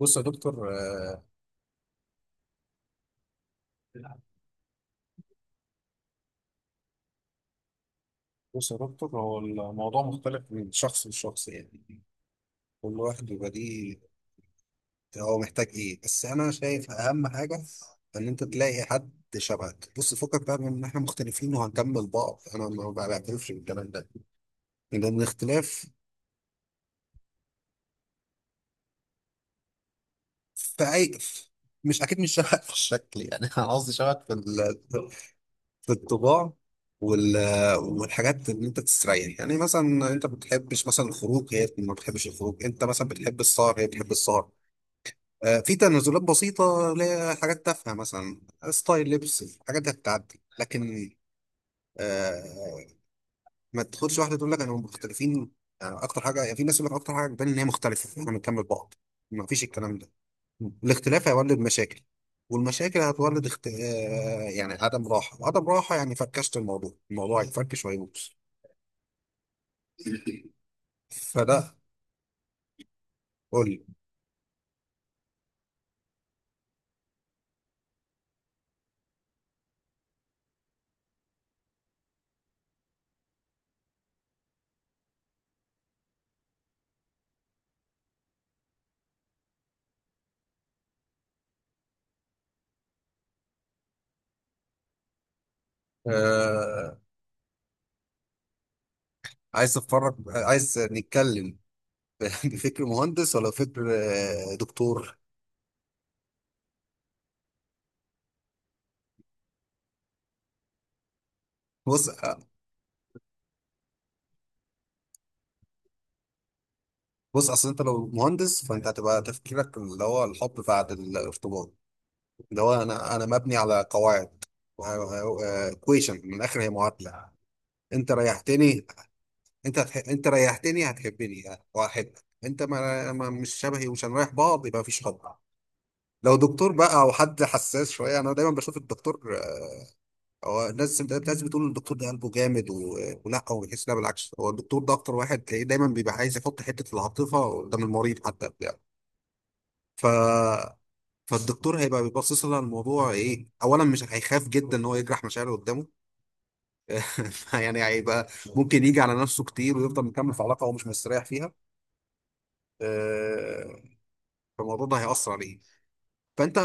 بص يا دكتور بص يا دكتور، هو الموضوع مختلف من شخص لشخص. يعني كل واحد بيبقى ليه هو محتاج ايه، بس انا شايف اهم حاجه ان انت تلاقي حد شبهك. بص، فكك بقى من ان احنا مختلفين وهنكمل بعض، انا ما بعترفش بالكلام ده، لان الاختلاف في اي. مش اكيد مش شبهك في الشكل يعني، انا قصدي شبهك في في الطباع وال... والحاجات اللي انت تستريح. يعني مثلا انت ما بتحبش مثلا الخروج هي ما بتحبش الخروج، انت مثلا بتحب السهر هي بتحب السهر. في تنازلات بسيطة اللي هي حاجات تافهة، مثلا ستايل لبس، الحاجات دي هتتعدي. لكن آه، ما تاخدش واحدة تقول لك انا مختلفين. يعني اكتر حاجة، يعني في ناس يقول لك اكتر حاجة بتبان ان هي مختلفة احنا بنكمل بعض، ما فيش الكلام ده. الاختلاف هيولد مشاكل، والمشاكل هتولد اخت... آه، يعني عدم راحة، وعدم راحة يعني فركشت الموضوع، الموضوع هيتفركش وهيبوظ. فده، قول لي. آه... عايز تتفرج عايز نتكلم؟ بفكر مهندس ولا فكر دكتور؟ بص بص اصل انت لو مهندس فانت هتبقى تفكيرك اللي هو الحب بعد الارتباط، اللي هو انا مبني على قواعد. كويشن من الاخر، هي معادله. انت ريحتني، انت هتحبني وهحبك. انت ما... ما مش شبهي ومش هنريح بعض، يبقى مفيش حب. لو دكتور بقى او حد حساس شويه، انا دايما بشوف الدكتور، هو الناس بتقول الدكتور ده قلبه جامد ولا هو بيحس. لا بالعكس، هو الدكتور ده اكتر واحد تلاقيه دايما بيبقى عايز يحط حته العاطفه قدام المريض حتى بتاع. ف فالدكتور هيبقى بيبصص لها الموضوع ايه اولا، مش هيخاف جدا ان هو يجرح مشاعره قدامه، يعني هيبقى ممكن يجي على نفسه كتير ويفضل مكمل في علاقه هو مش مستريح فيها. آه، فالموضوع ده هيأثر عليه. فانت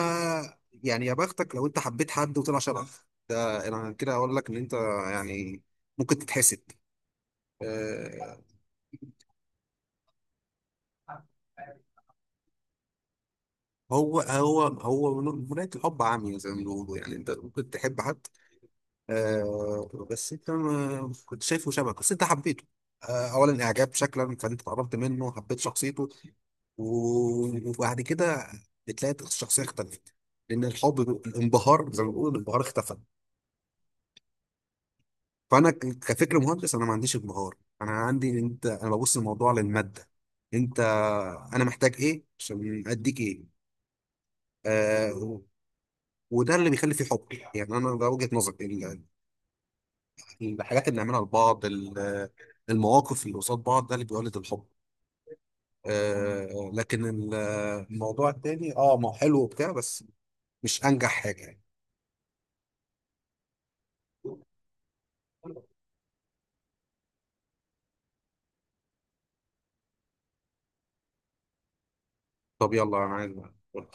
يعني، يا بختك لو انت حبيت حد وطلع شبهك، ده انا كده اقول لك ان انت يعني ممكن تتحسد. آه، هو مناية الحب عمياء زي ما بيقولوا، يعني انت ممكن تحب حد، بس انت ما كنت شايفه شبهك، بس انت حبيته. اولا اعجاب شكلا، فانت اتقربت منه حبيت شخصيته، وبعد كده بتلاقي الشخصيه اختلفت، لان الحب، الانبهار زي ما بيقولوا، الانبهار اختفى. فانا كفكر مهندس انا ما عنديش انبهار، انا عندي إن انت، انا ببص الموضوع للماده. انت، انا محتاج ايه عشان اديك ايه؟ آه و- وده اللي بيخلي فيه حب، يعني انا ده وجهه نظري. ال- الحاجات اللي نعملها لبعض، المواقف اللي قصاد بعض، ده اللي بيولد الحب. آه لكن الموضوع التاني، ما هو حلو وبتاع، بس مش انجح حاجه يعني. طب يلا، انا عايز. حلو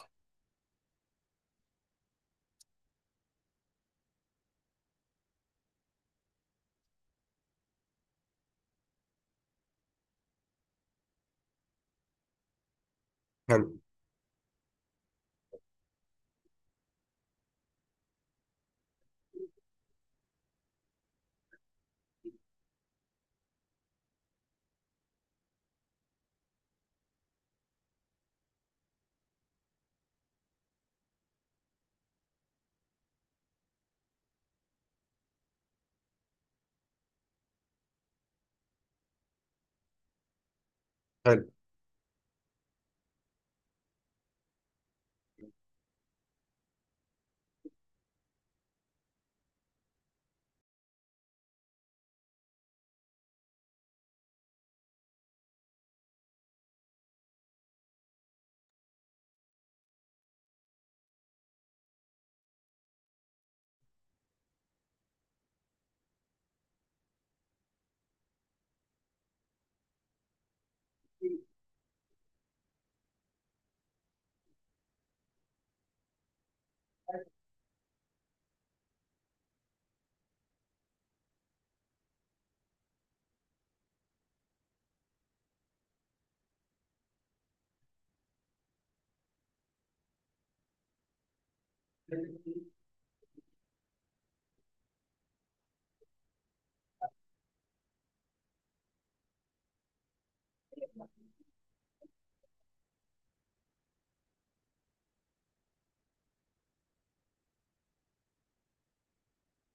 حلو.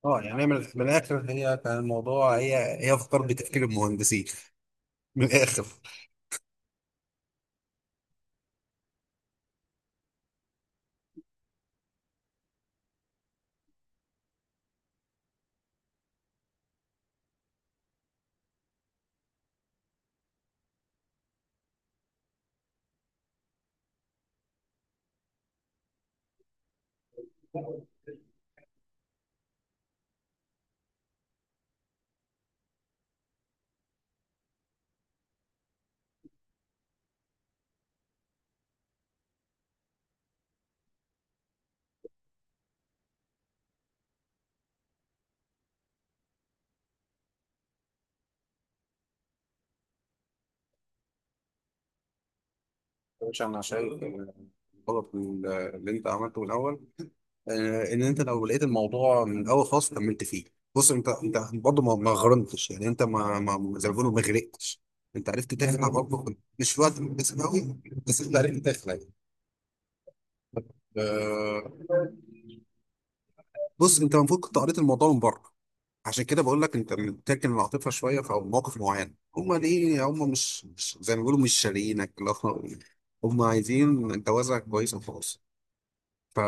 اه يعني من الاخر، هي كان الموضوع، هي افكار بتفكير المهندسين من الاخر. مش، انا شايف الغلط اللي انت عملته من الاول. ان انت لو لقيت الموضوع من الاول خالص كملت فيه. بص، انت برضه ما غرمتش، يعني انت ما زي ما بيقولوا ما غرقتش، انت عرفت تخلع برضه، مش في وقت مناسب قوي، بس انت عرفت تخلع. آه، بص، انت المفروض كنت قريت الموضوع من بره، عشان كده بقول لك انت بتركن العاطفه شويه في مواقف معينه. هم ليه، هم زي ما بيقولوا مش شاريينك، اللي هو هم عايزين جوازك كويس وخلاص. ف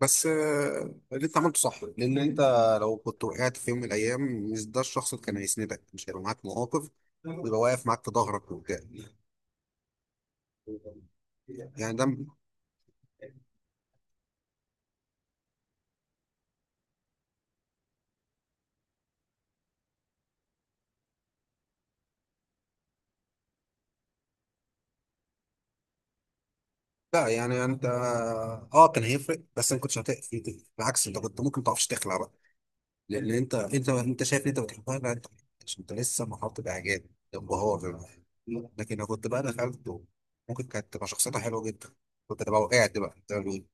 بس اللي انت عملته صح، لان انت لو كنت وقعت في يوم من الايام مش ده الشخص اللي كان هيسندك، مش هيبقى معاك مواقف ويبقى واقف معاك في ظهرك وبتاع. يعني ده، لا يعني انت، اه كان هيفرق بس انا كنتش هتقف. بالعكس، انت كنت ممكن ما تعرفش تخلع بقى، لان انت، انت شايف ان انت بتحبها. لا انت، عشان انت لسه محاط باعجاب، انبهار. لكن لو كنت بقى دخلت، ممكن كانت تبقى شخصيتها حلوه جدا، كنت تبقى وقعت بقى زي ما بيقولوا.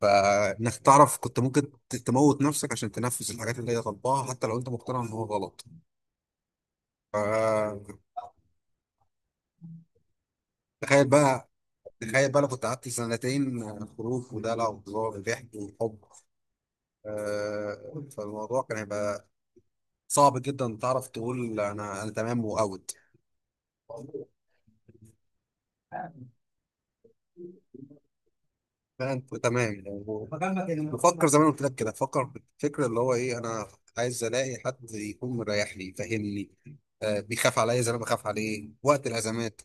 فانك تعرف، كنت ممكن تموت نفسك عشان تنفذ الحاجات اللي هي طالباها حتى لو انت مقتنع ان هو غلط. فتخيل بقى، تخيل بقى، لو كنت قعدت سنتين خروج ودلع وهزار وضحك وحب، فالموضوع كان هيبقى صعب جدا تعرف تقول انا تمام واوت. لا انت تمام، يعني بفكر زي ما أنا قلت لك كده، بفكر بالفكره اللي هو ايه، انا عايز الاقي حد يكون مريح لي فاهمني. آه، بيخاف عليا زي ما أنا بخاف عليه وقت الازمات،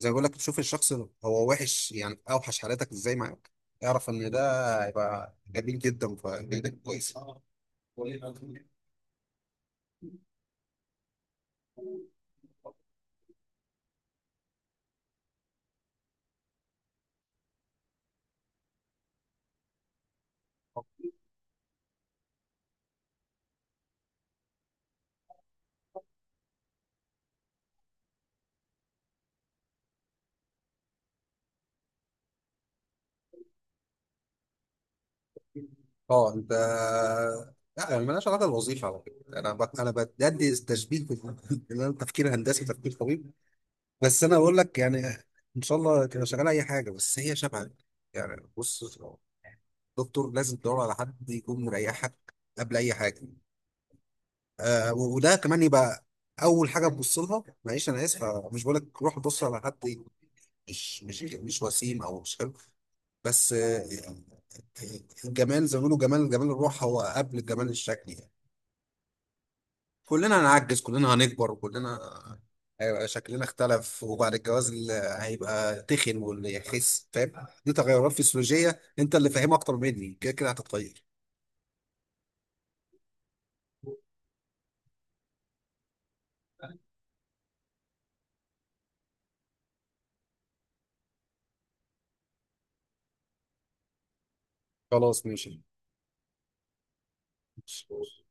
زي ما بقول لك تشوف الشخص هو وحش يعني اوحش حالاتك ازاي معاك، اعرف ان ده هيبقى جميل جدا، فجدا كويس. اه انت، لا يعني مالهاش علاقه بالوظيفه على فكره، انا انا بدي تشبيه ان انا تفكير هندسي تفكير طبيب. بس انا بقول لك، يعني ان شاء الله تبقى شغال اي حاجه بس هي شبهك. يعني بص دكتور، لازم تدور على حد يكون مريحك قبل اي حاجه. وده كمان يبقى اول حاجه تبص لها. معلش انا اسف، مش بقول لك روح بص على حد مش وسيم او مش حلو، بس الجمال زي ما بيقولوا، جمال الروح هو قبل جمال الشكل. كلنا هنعجز، كلنا هنكبر، وكلنا هيبقى شكلنا اختلف. وبعد الجواز هيبقى تخن واللي يخس فاهم، دي تغيرات فسيولوجية انت اللي فاهمها اكتر مني، كده كده هتتغير. خلاص ماشي. ماشي.